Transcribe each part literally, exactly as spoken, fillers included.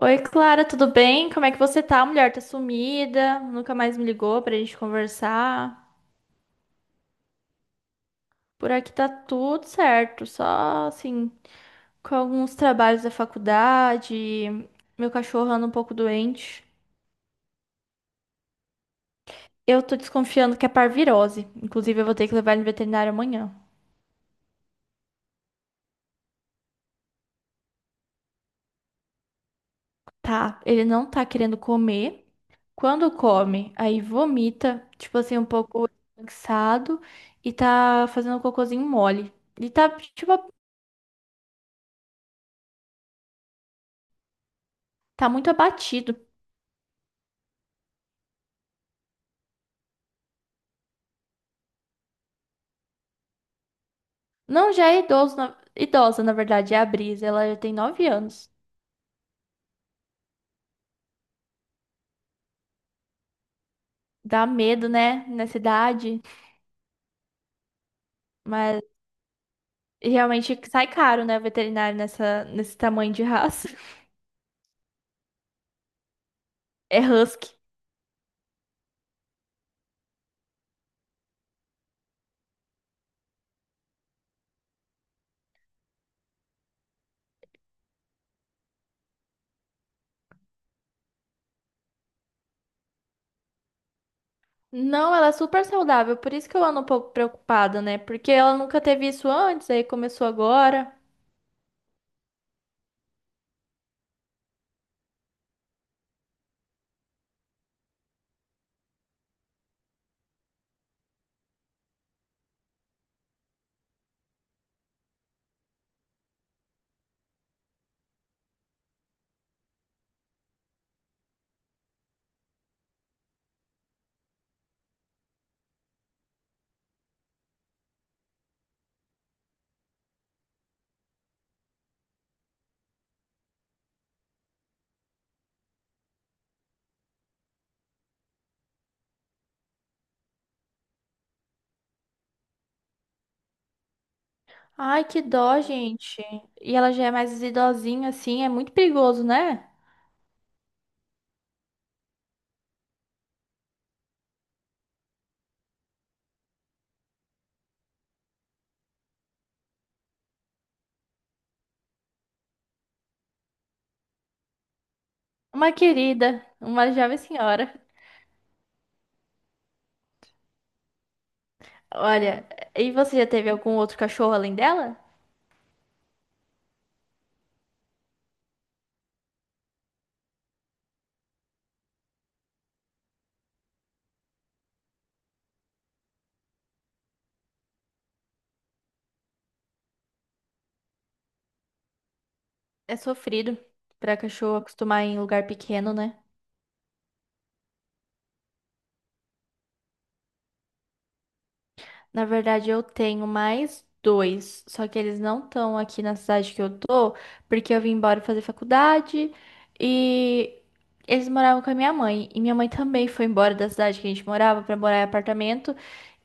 Oi, Clara, tudo bem? Como é que você tá? Mulher tá sumida, nunca mais me ligou pra gente conversar. Por aqui tá tudo certo, só assim, com alguns trabalhos da faculdade, meu cachorro anda um pouco doente. Eu tô desconfiando que é parvirose, inclusive eu vou ter que levar ele no veterinário amanhã. Tá, ele não tá querendo comer. Quando come, aí vomita, tipo assim, um pouco cansado e tá fazendo um cocôzinho mole. Ele tá, tipo, tá muito abatido. Não, já é idoso, na- idosa, na verdade, é a Brisa. Ela já tem nove anos. Dá medo, né? Nessa idade. Mas realmente sai caro, né? Veterinário nessa, nesse tamanho de raça. É husky. Não, ela é super saudável. Por isso que eu ando um pouco preocupada, né? Porque ela nunca teve isso antes, aí começou agora. Ai, que dó, gente. E ela já é mais idosinha, assim. É muito perigoso, né? Uma querida, uma jovem senhora. Olha, e você já teve algum outro cachorro além dela? É sofrido para cachorro acostumar em lugar pequeno, né? Na verdade, eu tenho mais dois, só que eles não estão aqui na cidade que eu tô, porque eu vim embora fazer faculdade e eles moravam com a minha mãe. E minha mãe também foi embora da cidade que a gente morava para morar em apartamento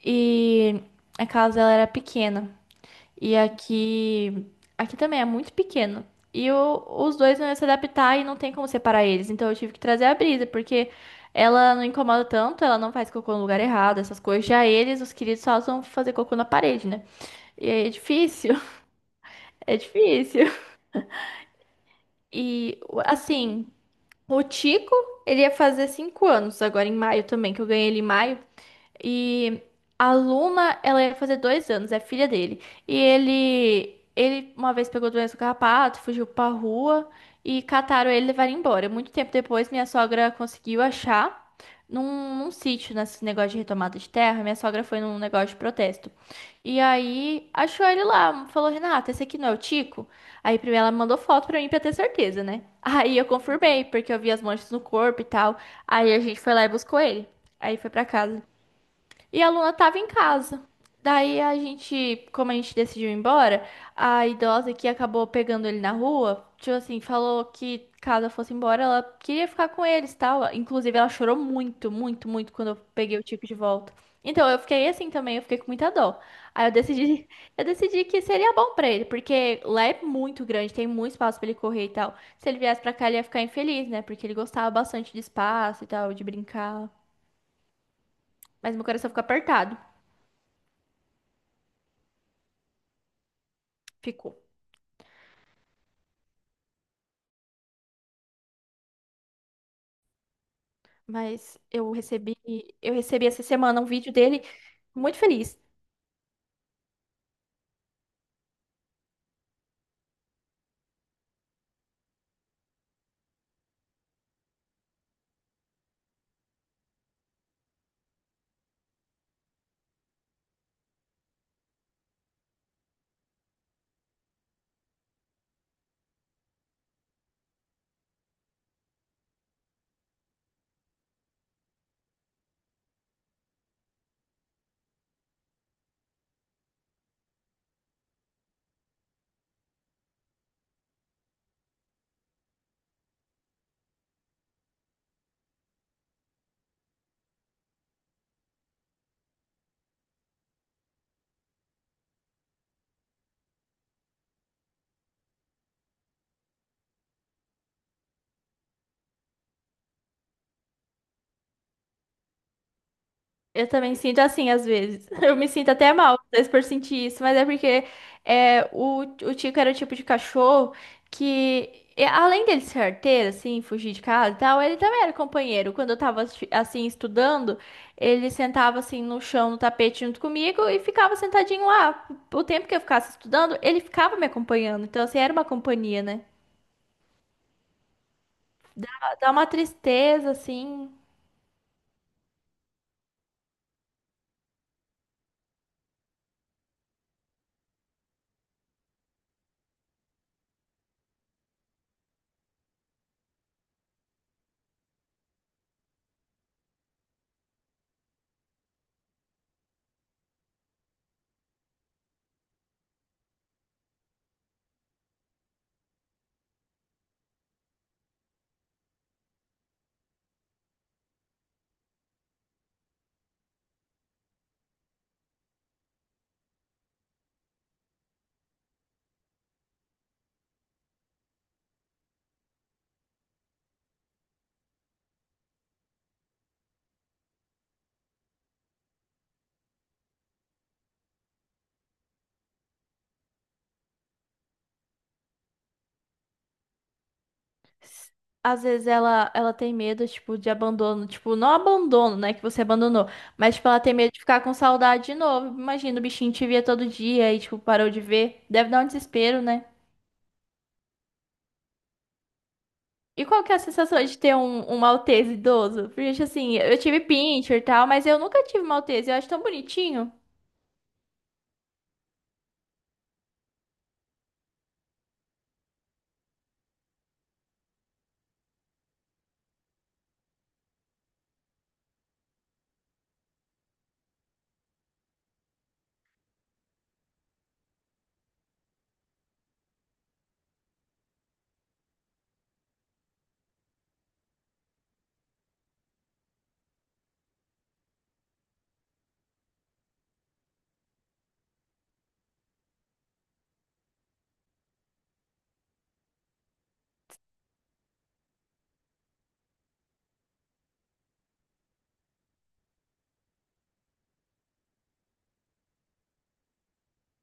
e a casa ela era pequena. E aqui, aqui também é muito pequeno. E o- os dois não iam se adaptar e não tem como separar eles. Então eu tive que trazer a Brisa, porque ela não incomoda tanto, ela não faz cocô no lugar errado, essas coisas. Já eles, os queridos, só vão fazer cocô na parede, né? E aí é difícil, é difícil. E assim, o Tico, ele ia fazer cinco anos agora em maio também, que eu ganhei ele em maio. E a Luna, ela ia fazer dois anos, é filha dele. E ele, ele uma vez pegou doença do carrapato, fugiu pra rua e cataram ele e levaram embora. Muito tempo depois, minha sogra conseguiu achar num, num sítio, nesse negócio de retomada de terra. Minha sogra foi num negócio de protesto. E aí achou ele lá, falou: Renata, esse aqui não é o Tico? Aí primeiro ela mandou foto pra mim pra ter certeza, né? Aí eu confirmei, porque eu vi as manchas no corpo e tal. Aí a gente foi lá e buscou ele. Aí foi pra casa. E a Luna tava em casa. Daí a gente, como a gente decidiu ir embora, a idosa que acabou pegando ele na rua, tipo assim, falou que caso eu fosse embora, ela queria ficar com eles, tal. Inclusive, ela chorou muito, muito, muito quando eu peguei o Tico de volta. Então, eu fiquei assim também, eu fiquei com muita dó. Aí eu decidi, eu decidi que seria bom pra ele, porque lá é muito grande, tem muito espaço pra ele correr e tal. Se ele viesse pra cá, ele ia ficar infeliz, né? Porque ele gostava bastante de espaço e tal, de brincar. Mas meu coração ficou apertado. Ficou. Mas eu recebi, eu recebi essa semana um vídeo dele muito feliz. Eu também sinto assim às vezes. Eu me sinto até mal, às vezes, por sentir isso, mas é porque é, o, o Tico era o tipo de cachorro que, e além dele ser arteiro, assim, fugir de casa e tal, ele também era companheiro. Quando eu tava, assi- assim, estudando, ele sentava, assim, no chão, no tapete junto comigo e ficava sentadinho lá. O tempo que eu ficasse estudando, ele ficava me acompanhando. Então, assim, era uma companhia, né? Dá, Dá uma tristeza, assim. s- Às vezes ela, ela tem medo, tipo, de abandono. Tipo, não abandono, né? Que você abandonou. Mas, tipo, ela tem medo de ficar com saudade de novo. Imagina, o bichinho te via todo dia e, tipo, parou de ver. Deve dar um desespero, né? E qual que é a sensação de ter um, um Maltese idoso? Porque, gente, assim, eu tive Pinscher e tal, mas eu nunca tive Maltese. Eu acho tão bonitinho.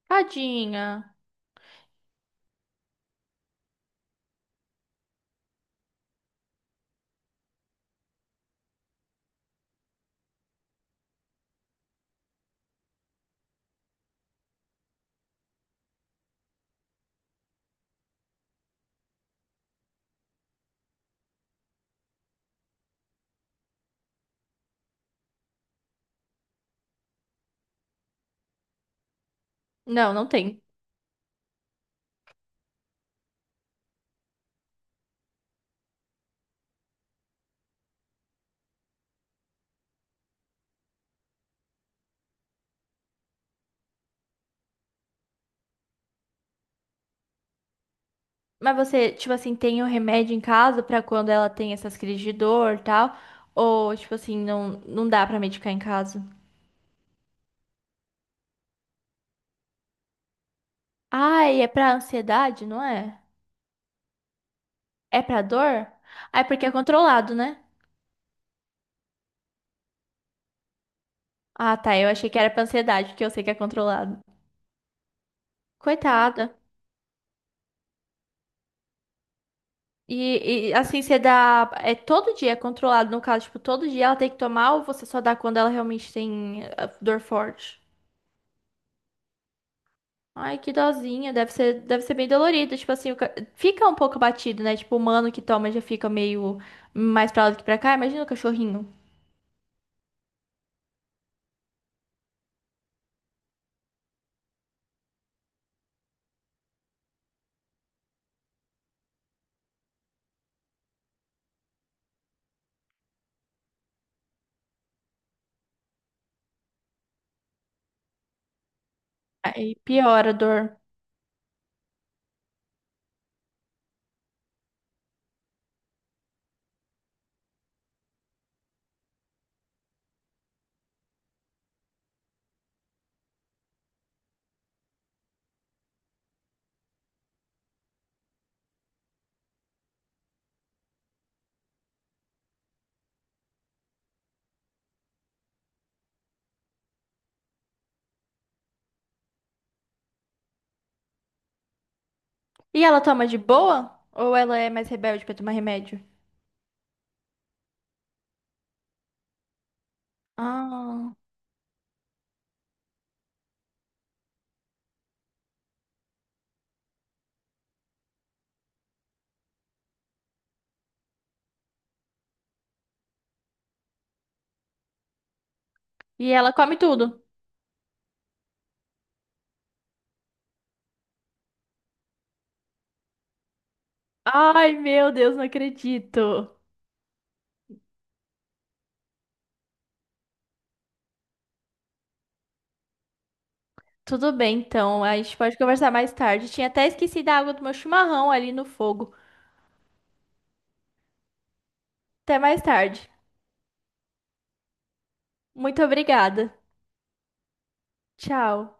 Tadinha. Não, não tem. Mas você, tipo assim, tem um remédio em casa pra quando ela tem essas crises de dor e tal? Ou, tipo assim, não, não dá pra medicar em casa? Ai, é pra ansiedade, não é? É pra dor? Ai, porque é controlado, né? Ah, tá. Eu achei que era pra ansiedade, porque eu sei que é controlado. Coitada. E, e, assim, você dá. É todo dia é controlado, no caso, tipo, todo dia ela tem que tomar ou você só dá quando ela realmente tem eh, dor forte? Ai, que dozinha. Deve ser, deve ser bem dolorido. Tipo assim, o ca- fica um pouco abatido, né? Tipo, o humano que toma já fica meio mais pra lá do que pra cá. Imagina o cachorrinho. Aí piora a dor. E ela toma de boa? Ou ela é mais rebelde pra tomar remédio? Ah. E ela come tudo. Ai, meu Deus, não acredito. Tudo bem, então. A gente pode conversar mais tarde. Tinha até esquecido a água do meu chimarrão ali no fogo. Até mais tarde. Muito obrigada. Tchau.